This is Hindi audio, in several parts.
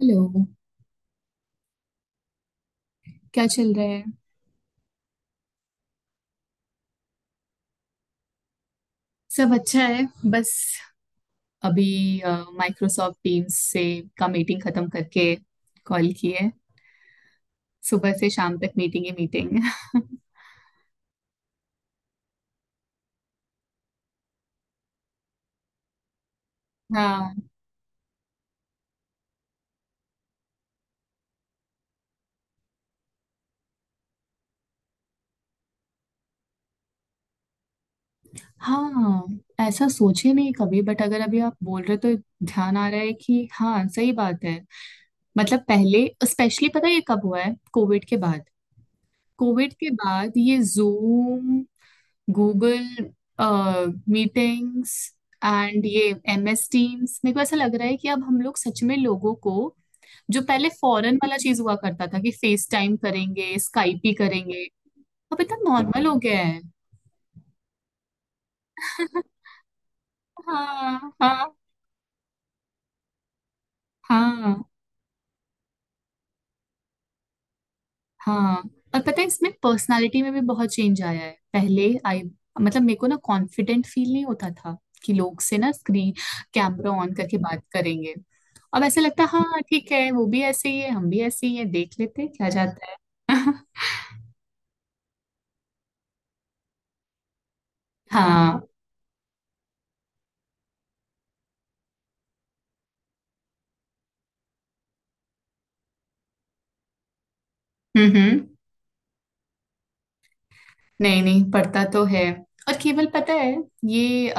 हेलो। क्या चल रहा है? सब अच्छा है। बस अभी माइक्रोसॉफ्ट टीम्स से का मीटिंग खत्म करके कॉल की है। सुबह से शाम तक मीटिंग ही मीटिंग। हाँ। हाँ, ऐसा सोचे नहीं कभी बट अगर अभी आप बोल रहे हो तो ध्यान आ रहा है कि हाँ सही बात है। मतलब पहले स्पेशली पता है ये कब हुआ है? कोविड के बाद। कोविड के बाद ये जूम, गूगल मीटिंग्स एंड ये MS टीम्स, मेरे को ऐसा लग रहा है कि अब हम लोग सच में लोगों को जो पहले फॉरेन वाला चीज हुआ करता था कि फेस टाइम करेंगे स्काइप ही करेंगे, अब इतना नॉर्मल हो गया है। हाँ, हाँ। हाँ, हाँ। और पता है, इसमें पर्सनालिटी में भी बहुत चेंज आया है। पहले आई मतलब मेरे को ना कॉन्फिडेंट फील नहीं होता था कि लोग से ना स्क्रीन कैमरा ऑन करके बात करेंगे। अब ऐसा लगता है हाँ ठीक है, वो भी ऐसे ही है हम भी ऐसे ही है, देख लेते हैं क्या जाता है। हाँ। हम्म, हम्म। नहीं नहीं, पढ़ता तो है। और केवल पता है ये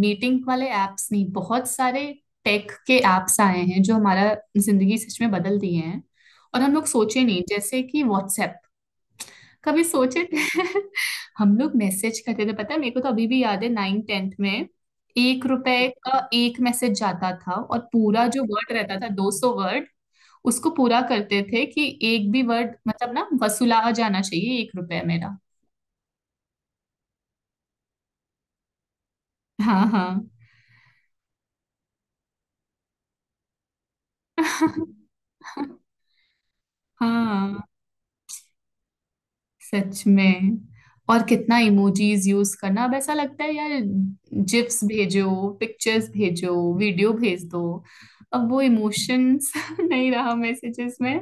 मीटिंग वाले एप्स नहीं, बहुत सारे टेक के एप्स आए हैं जो हमारा जिंदगी सच में बदल दिए हैं। और हम लोग सोचे नहीं जैसे कि व्हाट्सएप कभी सोचे थे? हम लोग मैसेज करते थे, पता है मेरे को तो अभी भी याद है नाइन टेंथ में ₹1 का एक मैसेज जाता था और पूरा जो वर्ड रहता था 200 वर्ड, उसको पूरा करते थे कि एक भी वर्ड मतलब ना वसूला जाना चाहिए ₹1 मेरा। हाँ, हाँ। हाँ, सच में। और कितना इमोजीज यूज करना अब ऐसा लगता है यार जिप्स भेजो पिक्चर्स भेजो वीडियो भेज दो। अब वो इमोशंस नहीं रहा मैसेजेस में।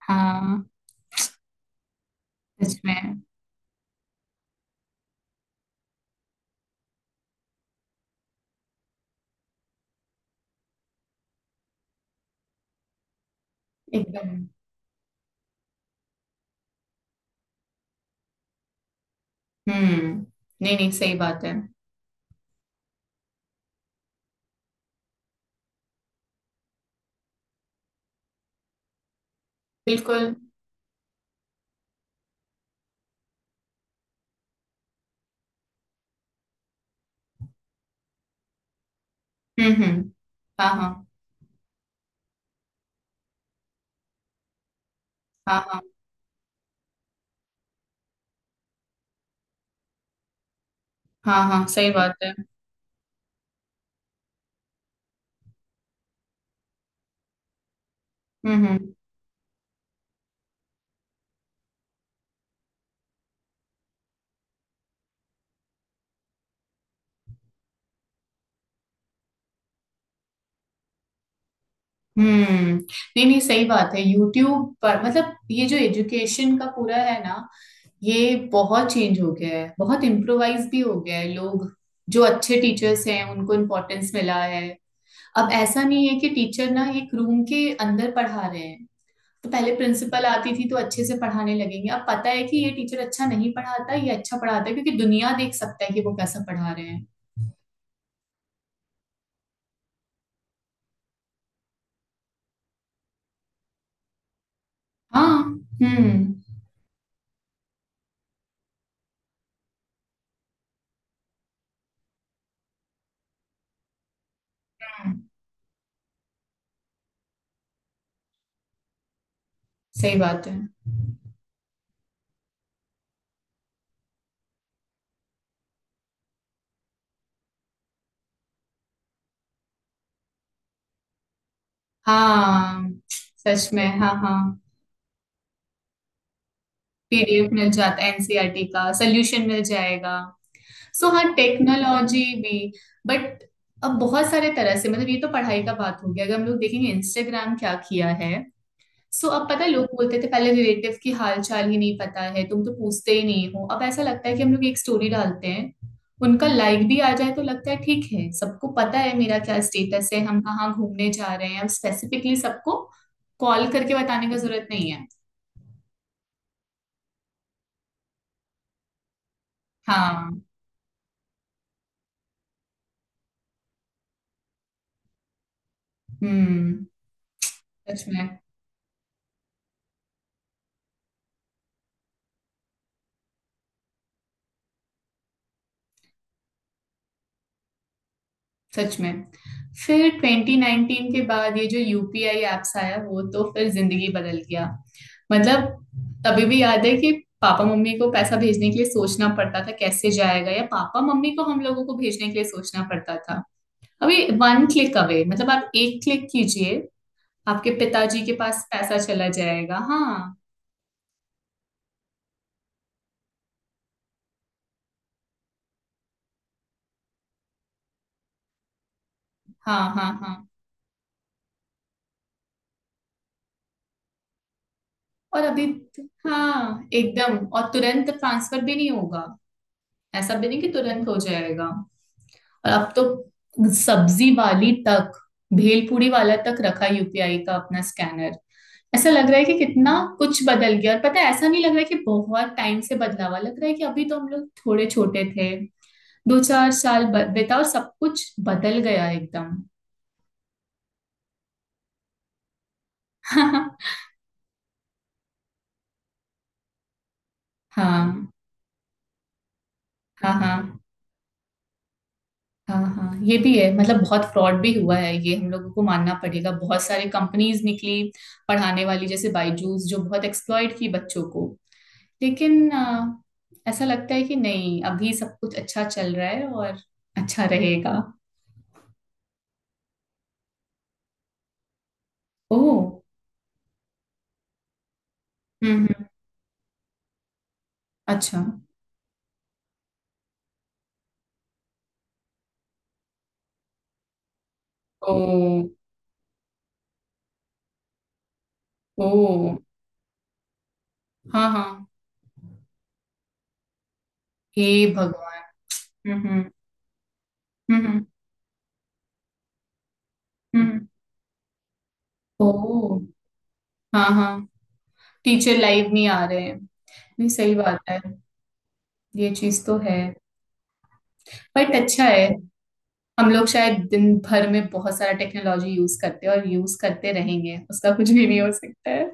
हाँ, सच में एकदम। हम्म। नहीं नहीं, सही बात है। बिल्कुल। हम्म, हम्म। हाँ, हाँ, हाँ। हाँ, हाँ, हाँ, सही बात है। हम्म, हम्म। हम्म, नहीं नहीं सही बात है। यूट्यूब पर मतलब ये जो एजुकेशन का पूरा है ना, ये बहुत चेंज हो गया है, बहुत इम्प्रोवाइज भी हो गया है लोग। जो अच्छे टीचर्स हैं उनको इम्पोर्टेंस मिला है। अब ऐसा नहीं है कि टीचर ना एक रूम के अंदर पढ़ा रहे हैं तो पहले प्रिंसिपल आती थी तो अच्छे से पढ़ाने लगेंगे। अब पता है कि ये टीचर अच्छा नहीं पढ़ाता ये अच्छा पढ़ाता है क्योंकि दुनिया देख सकता है कि वो कैसा पढ़ा रहे हैं। हाँ। हम्म, हम्म, सही बात है। हाँ, सच में। हाँ, हाँ। PDF मिल जाता है, NCERT का सोल्यूशन मिल जाएगा। सो हाँ, टेक्नोलॉजी भी। बट अब बहुत सारे तरह से मतलब ये तो पढ़ाई का बात हो गया, अगर हम लोग देखेंगे इंस्टाग्राम क्या किया है। सो अब पता है लोग बोलते थे पहले रिलेटिव की हाल चाल ही नहीं पता है तुम तो पूछते ही नहीं हो। अब ऐसा लगता है कि हम लोग एक स्टोरी डालते हैं उनका लाइक भी आ जाए तो लगता है ठीक है, सबको पता है मेरा क्या स्टेटस है, हम कहाँ घूमने जा रहे हैं। अब स्पेसिफिकली सबको कॉल करके बताने का जरूरत नहीं है। हाँ। हम्म। सच में, सच में। फिर 2019 के बाद ये जो UPI एप्स आया वो तो फिर जिंदगी बदल गया। मतलब अभी भी याद है कि पापा मम्मी को पैसा भेजने के लिए सोचना पड़ता था कैसे जाएगा, या पापा मम्मी को हम लोगों को भेजने के लिए सोचना पड़ता था। अभी वन क्लिक अवे, मतलब आप एक क्लिक कीजिए आपके पिताजी के पास पैसा चला जाएगा। हाँ, हाँ। हाँ, हाँ। और अभी हाँ एकदम, और तुरंत ट्रांसफर भी नहीं होगा, ऐसा भी नहीं कि तुरंत हो जाएगा। और अब तो सब्जी वाली तक भेलपूरी वाला तक रखा UPI का अपना स्कैनर। ऐसा लग रहा है कि कितना कुछ बदल गया और पता है ऐसा नहीं लग रहा है कि बहुत टाइम से, बदलावा लग रहा है कि अभी तो हम लोग थोड़े छोटे थे, 2-4 साल बीता और सब कुछ बदल गया एकदम। हाँ, हाँ। हाँ, हाँ। हाँ, ये भी है, मतलब बहुत फ्रॉड भी हुआ है ये हम लोगों को मानना पड़ेगा, बहुत सारे कंपनीज निकली पढ़ाने वाली जैसे बायजूस जो बहुत एक्सप्लॉइट की बच्चों को। लेकिन ऐसा लगता है कि नहीं अभी सब कुछ अच्छा चल रहा है और अच्छा रहेगा। ओह। हम्म, अच्छा। ओ। ओ, हाँ, हाँ। हे भगवान। हम्म, हम्म, हम्म, हम्म, ओ, हाँ, हाँ। टीचर लाइव नहीं आ रहे हैं। नहीं, सही बात है। ये चीज तो है। बट अच्छा है, हम लोग शायद दिन भर में बहुत सारा टेक्नोलॉजी यूज करते हैं और यूज करते रहेंगे उसका कुछ भी नहीं हो सकता है।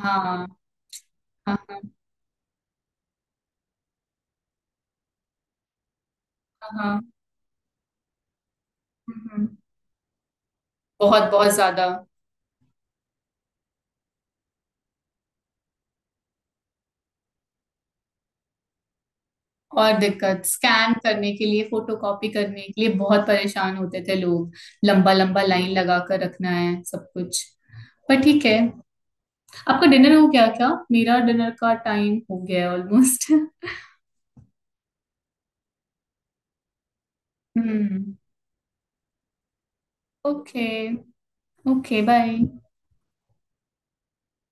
हाँ, हाँ। हाँ, हाँ। हाँ, हम्म, हम्म। बहुत बहुत ज्यादा। और दिक्कत स्कैन करने के लिए फोटोकॉपी करने के लिए बहुत परेशान होते थे लोग। लंबा लंबा लाइन लगा कर रखना है सब कुछ। पर ठीक है, आपका डिनर हो गया क्या? मेरा डिनर का टाइम हो गया है ऑलमोस्ट। हम्म। ओके। Okay, bye.